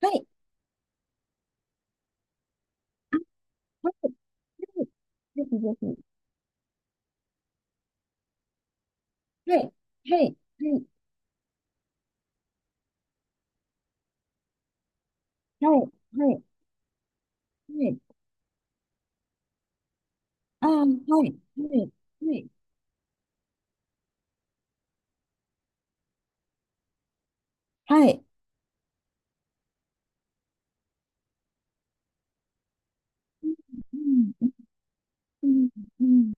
はい。はい。はい。ぜひぜひ。はい。はい。はい。はい。はい。ああ。はい。はい。はい。はい。うん。うん。うん。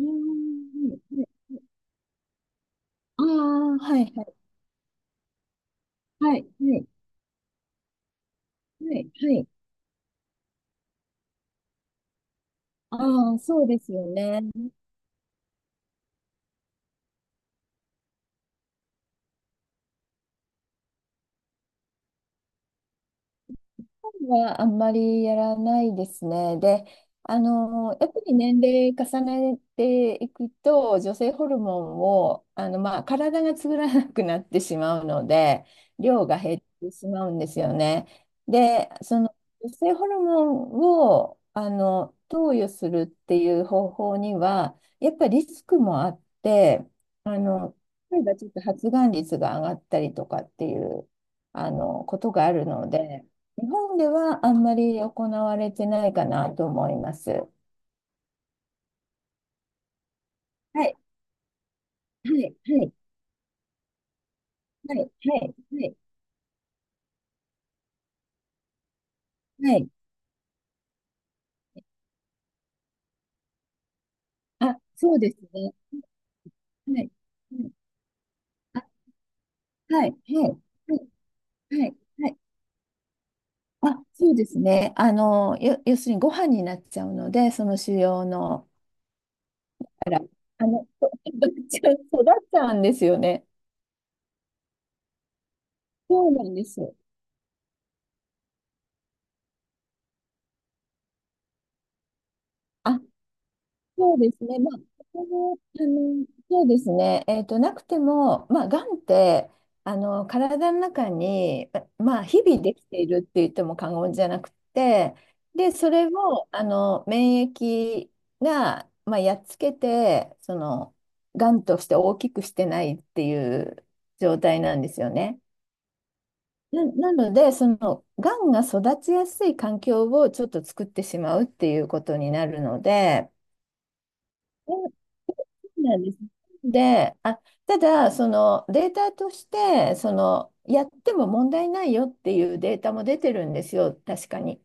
うん。ああ。はい。はい。はい。はい。はい。はい。ああ、そうですよね。はあんまりやらないですね。で、やっぱり年齢重ねていくと、女性ホルモンを、まあ、体が作らなくなってしまうので、量が減ってしまうんですよね。で、その女性ホルモンを、投与するっていう方法には、やっぱりリスクもあって、あの、例えばちょっと発がん率が上がったりとかっていう、ことがあるので、日本ではあんまり行われてないかなと思います。はい、はい、はい、はい、はい、はい、はい。あ、そうですね。はい、はい。あ、はい、はい、はい、はい。はい。あ、そうですね。要するにご飯になっちゃうので、その腫瘍の、あら、あの、育っちゃう育っちゃうんですよね。そうなんです。あ、そうですね。まあ、ここもそうですね。なくても、まあ、がんって、体の中に、まあ、日々できているって言っても過言じゃなくて、で、それを、免疫が、まあ、やっつけて、その、がんとして大きくしてないっていう状態なんですよね。なので、その、がんが育ちやすい環境をちょっと作ってしまうっていうことになるので、そうなんです。で、あ、ただ、そのデータとして、そのやっても問題ないよっていうデータも出てるんですよ、確かに。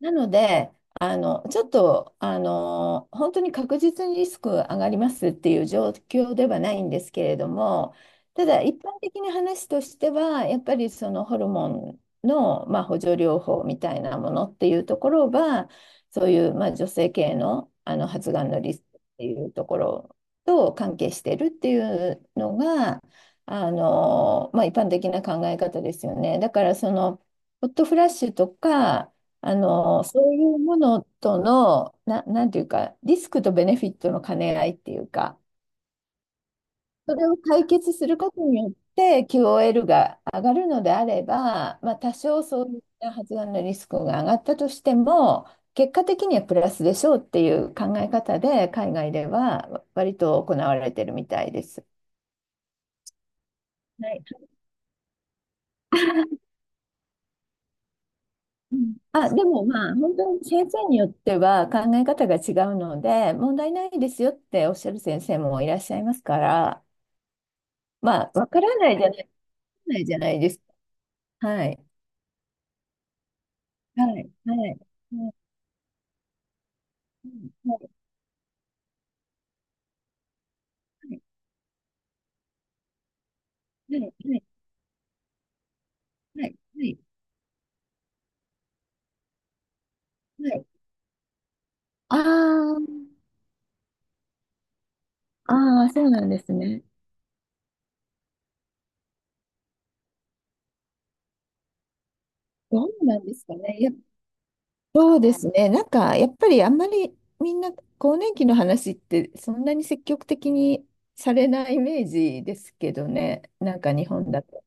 なので、ちょっと、本当に確実にリスク上がりますっていう状況ではないんですけれども、ただ一般的な話としては、やっぱりそのホルモンの、まあ、補助療法みたいなものっていうところは、そういう、まあ、女性系の、発がんのリスクっていうところと関係してるっていうのが、まあ、一般的な考え方ですよね。だからそのホットフラッシュとかそういうものとの、なんていうか、リスクとベネフィットの兼ね合いっていうか、それを解決することによって QOL が上がるのであれば、まあ、多少そういった発がんのリスクが上がったとしても、結果的にはプラスでしょうっていう考え方で、海外では割と行われてるみたいです。はい、うん。あ、でもまあ、本当に先生によっては考え方が違うので、問題ないですよっておっしゃる先生もいらっしゃいますから、まあ、わからないじゃないですか。はい。はい。はい。はい。はい。はい。はい。はい。はい。はい。ああ、ああ、そうなんですね。どうなんですかね。いや、そうですね。なんか、やっぱりあんまりみんな更年期の話ってそんなに積極的にされないイメージですけどね。なんか日本だと。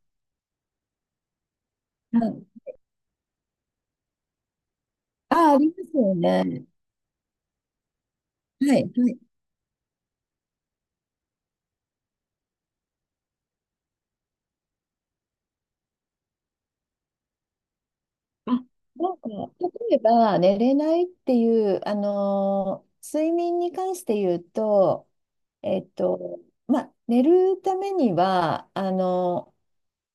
はい。ああ、ありますよね。はい。はい。あ。なんか、例えば、寝れないっていう、睡眠に関して言うと、えっと、まあ、寝るためには、あの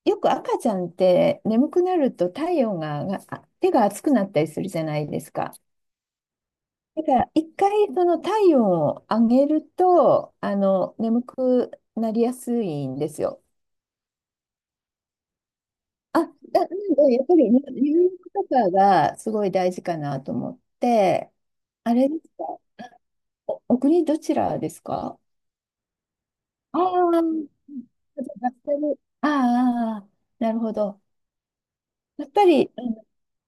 ーよく赤ちゃんって眠くなると体温が、が、あ手が熱くなったりするじゃないですか。だから、一回その体温を上げると、眠くなりやすいんですよ。あ、なんで、やっぱりね、入浴とかがすごい大事かなと思って、あれですか、お国どちらですか？ああー、やっぱり。ああ、なるほど。やっぱり、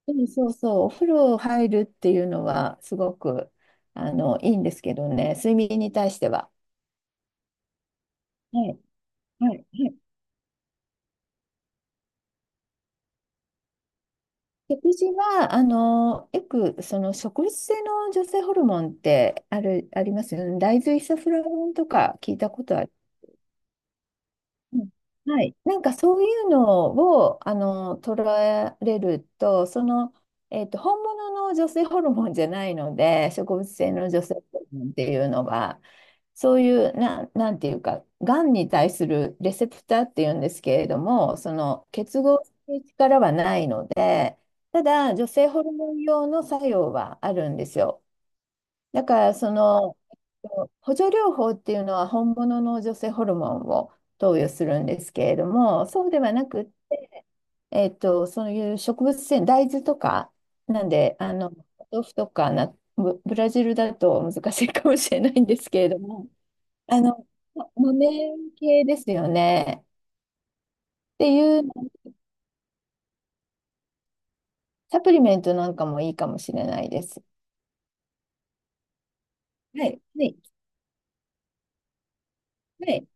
うん。そうそう、お風呂入るっていうのはすごくいいんですけどね、睡眠に対しては。はい、はい、はい。食事は、よく、その植物性の女性ホルモンってある、ありますよね。大豆イソフラボンとか聞いたことあ。うん。はい。なんかそういうのを、捉えれると、本物の女性ホルモンじゃないので、植物性の女性ホルモンっていうのは、そういう、なんていうか、がんに対するレセプターっていうんですけれども、その結合する力はないので、ただ、女性ホルモン用の作用はあるんですよ。だからその補助療法っていうのは本物の女性ホルモンを投与するんですけれども、そうではなく、そういう植物性、大豆とか、なんで、お豆腐とかな、ブラジルだと難しいかもしれないんですけれども、あの、豆系ですよね。っていうサプリメントなんかもいいかもしれないです。はい、はい、はい、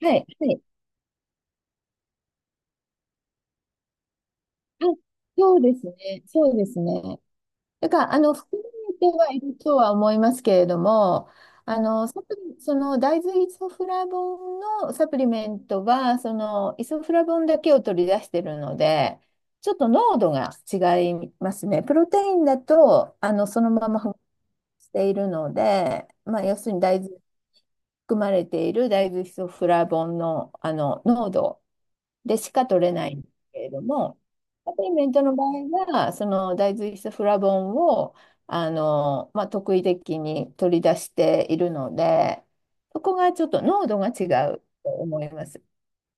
はい、はい。あ、そうですね、そうですね。だから、含まれてはいるとは思いますけれども、サプリ、その大豆イソフラボンのサプリメントは、そのイソフラボンだけを取り出してるので、ちょっと濃度が違いますね。プロテインだと、そのまま含まれているので、まあ、要するに大豆、含まれている大豆イソフラボンの、濃度でしか取れないんですけれども、サプリメントの場合は、その大豆イソフラボンをまあ、特異的に取り出しているので、そこがちょっと濃度が違うと思います。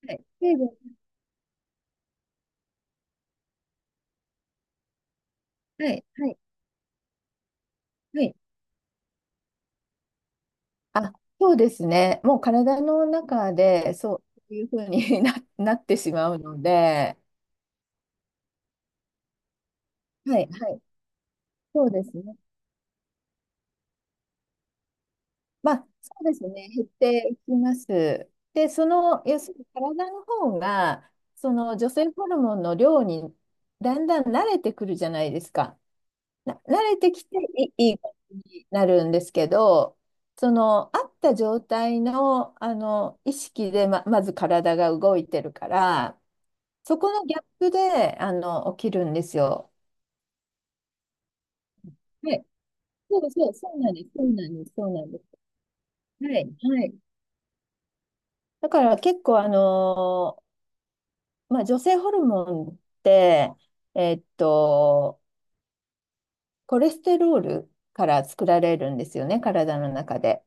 はい、成分。はい、はい、はい。あ、そうですね。もう体の中でそういうふうに なってしまうので、はい、はい、そうですね。まあ、そうですね、減っていきます。で、要するに体の方が、その女性ホルモンの量にだんだん慣れてくるじゃないですか。慣れてきていい感じになるんですけど、その、あった状態の、意識でまず体が動いてるから、そこのギャップで、起きるんですよ。はい。そうそう、そうなんです、そうなんです、そうなんです。はい、はい。だから結構、まあ、女性ホルモンって、えっと、コレステロールから作られるんですよね、体の中で。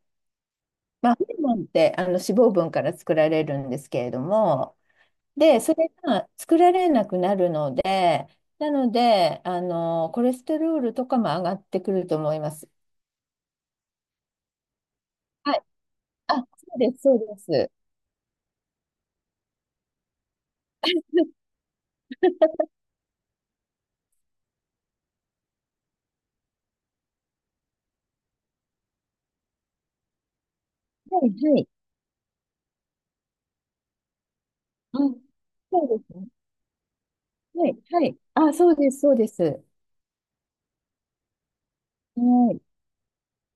まあ、ホルモンって脂肪分から作られるんですけれども、で、それが作られなくなるので、なので、コレステロールとかも上がってくると思います。はい。あ、そうです、そうです。はい、はい。うん、そうですね。はい、はい。あ、そうです、そうです。はい。